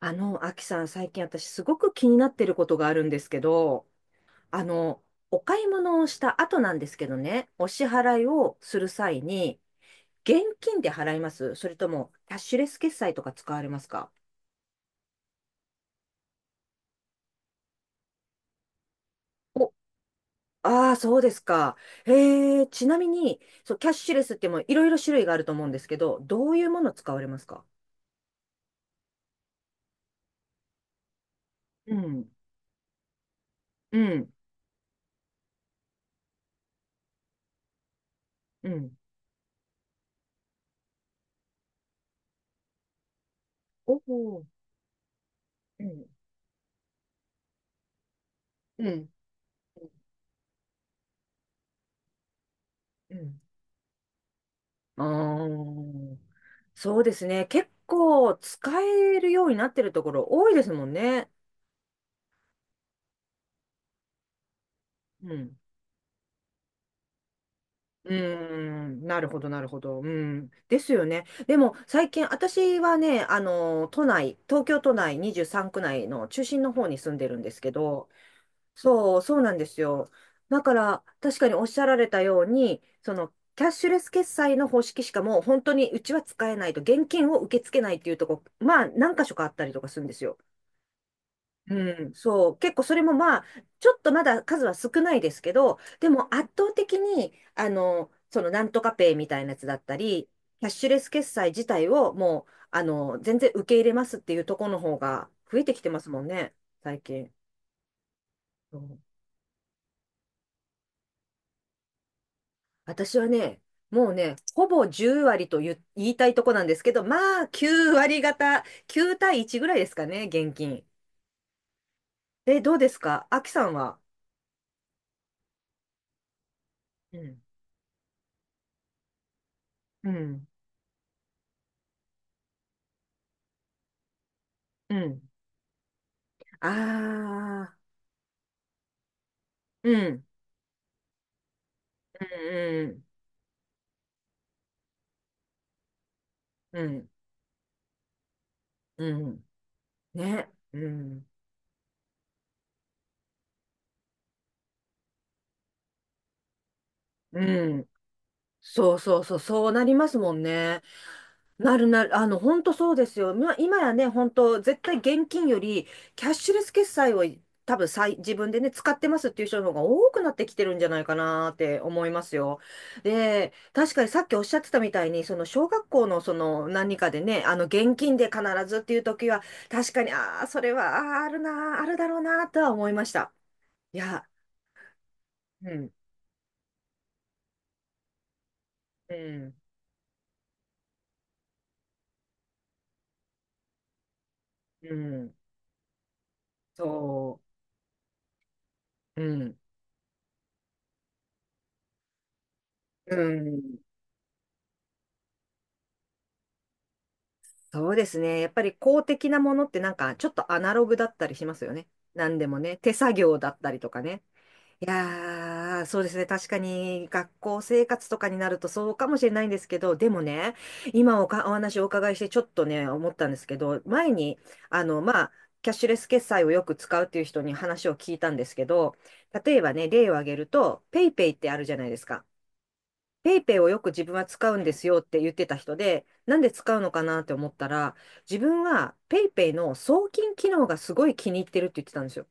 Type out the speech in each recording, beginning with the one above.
アキさん、最近私すごく気になってることがあるんですけど、あの、お買い物をした後なんですけどね、お支払いをする際に、現金で払います？それとも、キャッシュレス決済とか使われますか？お、ああ、そうですか。へえ、ちなみに、そう、キャッシュレスってもいろいろ種類があると思うんですけど、どういうもの使われますか？うん、うん、うん。おお、うん、うん、うん。あーそうですね。結構使えるようになってるところ多いですもんね。うん。うーん。なるほど、なるほど。うん。ですよね。でも最近私はね、あの、都内、東京都内23区内の中心の方に住んでるんですけど、そう、そうなんですよ。だから確かにおっしゃられたように、その、キャッシュレス決済の方式しかもう本当にうちは使えないと、現金を受け付けないっていうとこ、まあ何箇所かあったりとかするんですよ。うん、そう、結構それもまあ、ちょっとまだ数は少ないですけど、でも圧倒的に、そのなんとかペイみたいなやつだったり、キャッシュレス決済自体をもう、全然受け入れますっていうところの方が増えてきてますもんね、最近。そう私はね、もうね、ほぼ10割と言いたいとこなんですけど、まあ、9割方、9対1ぐらいですかね、現金。で、どうですかアキさんは。うん。うん。うん。ああ。うん、うん、うん、うん、うんね、うん、うん。そうそうそう、そうなりますもんね。なるなる、あの、本当そうですよ。ま、今やね、本当絶対現金より、キャッシュレス決済を多分さい、自分でね、使ってますっていう人の方が多くなってきてるんじゃないかなって思いますよ。で、確かにさっきおっしゃってたみたいに、その小学校のその何かでね、あの、現金で必ずっていう時は、確かに、ああ、それは、あーあるなー、あるだろうなーとは思いました。いや、うん、うん、うん、そう、うん、うん、そうですね。やっぱり公的なものってなんかちょっとアナログだったりしますよね。なんでもね、手作業だったりとかね。いやー、そうですね。確かに学校生活とかになるとそうかもしれないんですけど、でもね、今おか、お話をお伺いしてちょっとね、思ったんですけど、前に、あの、まあ、キャッシュレス決済をよく使うっていう人に話を聞いたんですけど、例えばね、例を挙げると、ペイペイってあるじゃないですか。ペイペイをよく自分は使うんですよって言ってた人で、なんで使うのかなって思ったら、自分はペイペイの送金機能がすごい気に入ってるって言ってたんですよ。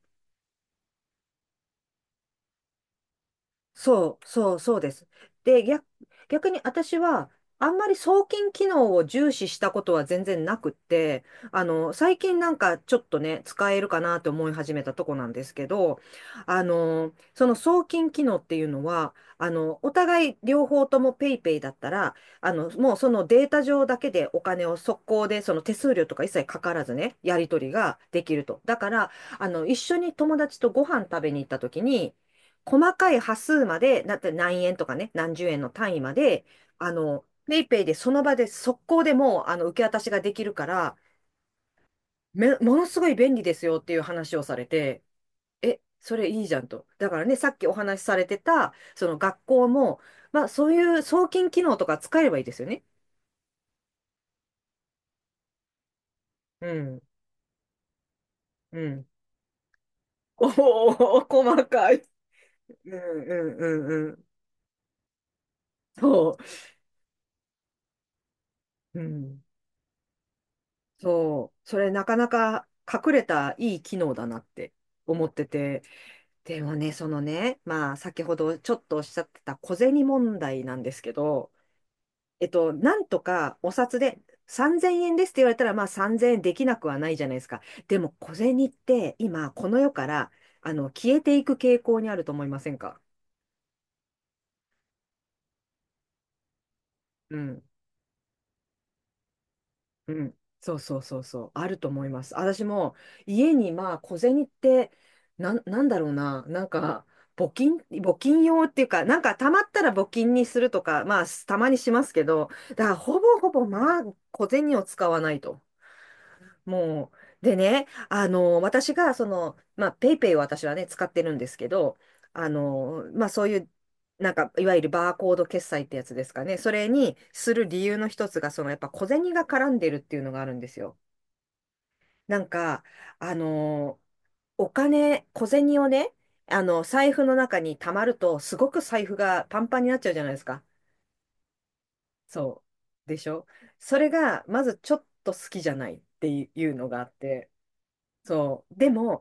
そう、そう、そうです。で、逆に私は、あんまり送金機能を重視したことは全然なくって、あの、最近なんかちょっとね、使えるかなと思い始めたとこなんですけど、あの、その送金機能っていうのは、あの、お互い両方とも PayPay だったら、あの、もうそのデータ上だけでお金を速攻で、その手数料とか一切かからずね、やり取りができると。だから、あの、一緒に友達とご飯食べに行った時に、細かい端数まで、だって何円とかね、何十円の単位まで、あの、ペイペイでその場で速攻でもう、あの、受け渡しができるから、ものすごい便利ですよっていう話をされて、え、それいいじゃんと。だからね、さっきお話しされてた、その学校も、まあ、そういう送金機能とか使えばいいですよね。うん、うん。おお、細かい。うん、うん、うん、うん。そう。うんそう、それなかなか隠れたいい機能だなって思ってて、でもね、そのね、まあ先ほどちょっとおっしゃってた小銭問題なんですけど、えっと、なんとかお札で3000円ですって言われたら、まあ3000円できなくはないじゃないですか。でも小銭って今この世から消えていく傾向にあると思いませんか？うん。うん、そうそうそうそう、あると思います。私も家にまあ小銭ってなんだろうな、なんか募金用っていうか、なんかたまったら募金にするとか、まあたまにしますけど、だからほぼほぼまあ小銭を使わないと。もう、でね、あの、私が、その、まあ、ペイペイを私はね、使ってるんですけど、あの、まあ、そういう、なんか、いわゆるバーコード決済ってやつですかね。それにする理由の一つが、その、やっぱ小銭が絡んでるっていうのがあるんですよ。なんか、あの、お金、小銭をね、あの、財布の中に溜まると、すごく財布がパンパンになっちゃうじゃないですか。そう。でしょ？それが、まずちょっと好きじゃないっていうのがあって、そう。でも、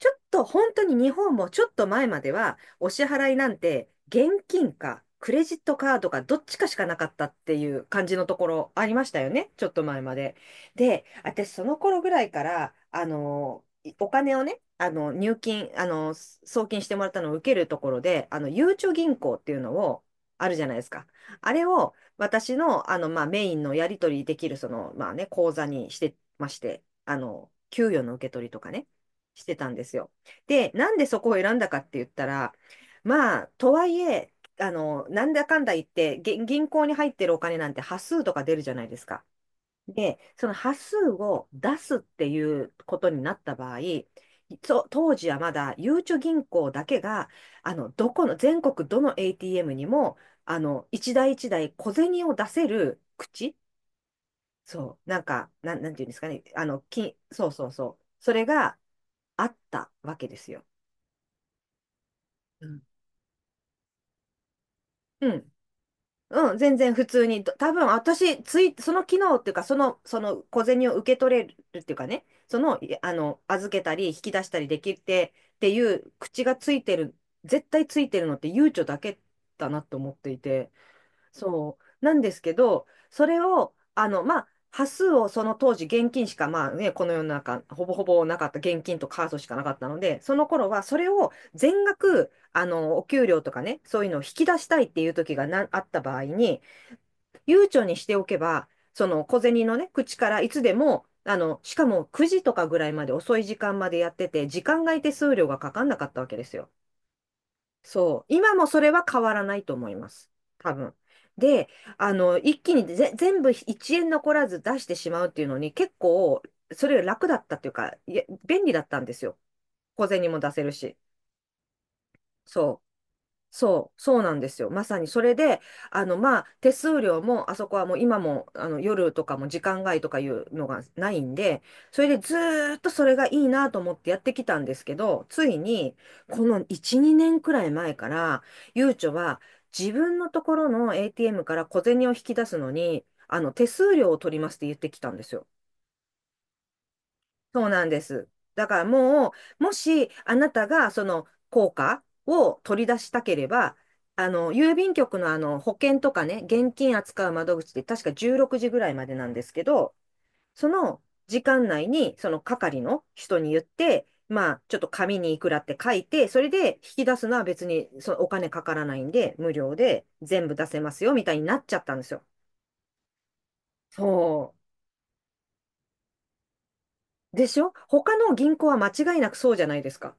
ちょっと本当に日本もちょっと前までは、お支払いなんて現金かクレジットカードかどっちかしかなかったっていう感じのところありましたよね、ちょっと前まで。で、私その頃ぐらいから、あの、お金をね、あの、入金、あの、送金してもらったのを受けるところで、あの、ゆうちょ銀行っていうのを、あるじゃないですか。あれを私の、あの、まあ、メインのやり取りできる、その、まあね、口座にしてまして、あの、給与の受け取りとかね、してたんですよ。で、なんでそこを選んだかって言ったら、まあ、とはいえ、あの、なんだかんだ言って、げ銀行に入ってるお金なんて端数とか出るじゃないですか。で、その端数を出すっていうことになった場合、そ当時はまだ、ゆうちょ銀行だけが、あの、どこの、全国どの ATM にも、あの、一台一台小銭を出せる口、そう、なんか、なんていうんですかね、そうそうそう、それがあったわけですよ。うん。うん。うん、全然普通に。多分私、その機能っていうか、その、その小銭を受け取れるっていうかね、その、いあの、預けたり、引き出したりできてっていう口がついてる、絶対ついてるのってゆうちょだけだなと思っていて。そう。なんですけど、それを、端数を、その当時現金しか、まあね、この世の中、ほぼほぼなかった、現金とカードしかなかったので、その頃はそれを全額、お給料とかね、そういうのを引き出したいっていう時があった場合に、悠長にしておけば、その小銭のね、口からいつでも、しかも9時とかぐらいまで遅い時間までやってて、時間外手数料がかかんなかったわけですよ。そう。今もそれは変わらないと思います。多分。で、あの、一気に全部1円残らず出してしまうっていうのに結構、それより楽だったっていうか、いや便利だったんですよ。小銭も出せるし。そう。そうなんですよ。まさにそれで、手数料も、あそこはもう今も、夜とかも時間外とかいうのがないんで、それでずーっとそれがいいなと思ってやってきたんですけど、ついに、この1、2年くらい前から、ゆうちょは自分のところの ATM から小銭を引き出すのに、手数料を取りますって言ってきたんですよ。そうなんです。だからもしあなたがその効果を取り出したければ、郵便局のあの保険とかね、現金扱う窓口で確か16時ぐらいまでなんですけど、その時間内にその係の人に言って、まあ、ちょっと紙にいくらって書いて、それで引き出すのは別にそのお金かからないんで、無料で全部出せますよみたいになっちゃったんですよ。そう。でしょ？他の銀行は間違いなくそうじゃないですか。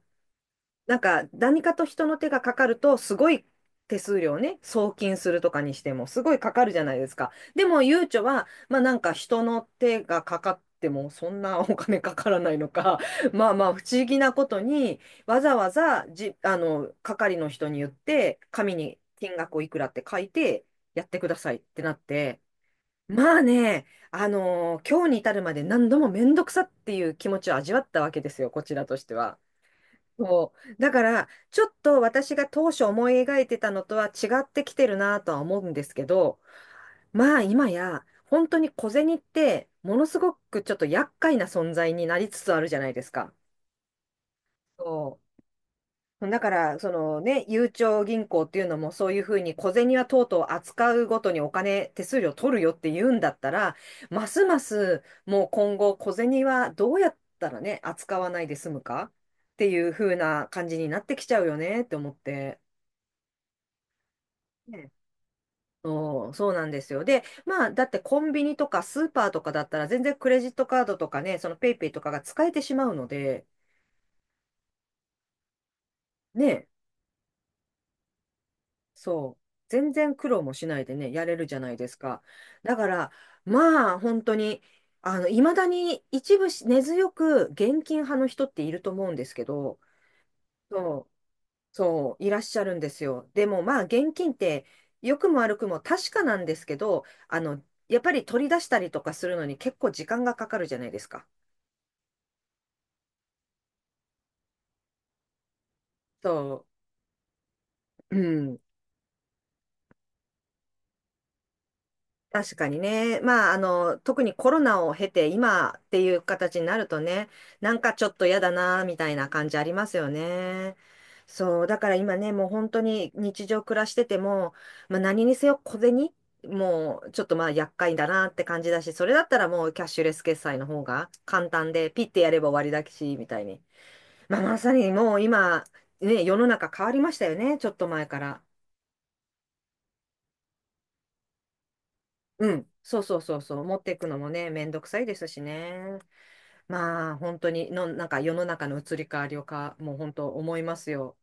なんか何かと人の手がかかるとすごい手数料ね、送金するとかにしてもすごいかかるじゃないですか。でもゆうちょは、まあなんか人の手がかかってもそんなお金かからないのか、まあまあ不思議なことにわざわざじ、あの、係の人に言って紙に金額をいくらって書いてやってくださいってなって、まあね、あの今日に至るまで何度もめんどくさっていう気持ちを味わったわけですよ、こちらとしては。そう。だから、ちょっと私が当初思い描いてたのとは違ってきてるなとは思うんですけど、まあ今や、本当に小銭って、ものすごくちょっと厄介な存在になりつつあるじゃないですか。そう、だから、そのね、ゆうちょ銀行っていうのもそういうふうに小銭はとうとう扱うごとにお金、手数料取るよって言うんだったら、ますますもう今後小銭はどうやったらね、扱わないで済むかっていうふうな感じになってきちゃうよねって思って。ね。そうなんですよ。で、まあ、だってコンビニとかスーパーとかだったら全然クレジットカードとかね、そのペイペイとかが使えてしまうので、ね、そう。全然苦労もしないでね、やれるじゃないですか。だから、まあ、本当に、いまだに一部根強く現金派の人っていると思うんですけど、そう、そう、いらっしゃるんですよ。でも、まあ、現金って、良くも悪くも確かなんですけど、やっぱり取り出したりとかするのに結構時間がかかるじゃないですか。そう、うん。確かにね。まあ、特にコロナを経て今っていう形になるとね、なんかちょっと嫌だな、みたいな感じありますよね。そう、だから今ね、もう本当に日常暮らしてても、まあ、何にせよ小銭、もうちょっとまあ厄介だなって感じだし、それだったらもうキャッシュレス決済の方が簡単で、ピッてやれば終わりだし、みたいに。まあ、まさにもう今、ね、世の中変わりましたよね、ちょっと前から。うん、そうそうそうそう、持っていくのもね、めんどくさいですしね。まあ、本当になんか世の中の移り変わりをもう本当思いますよ。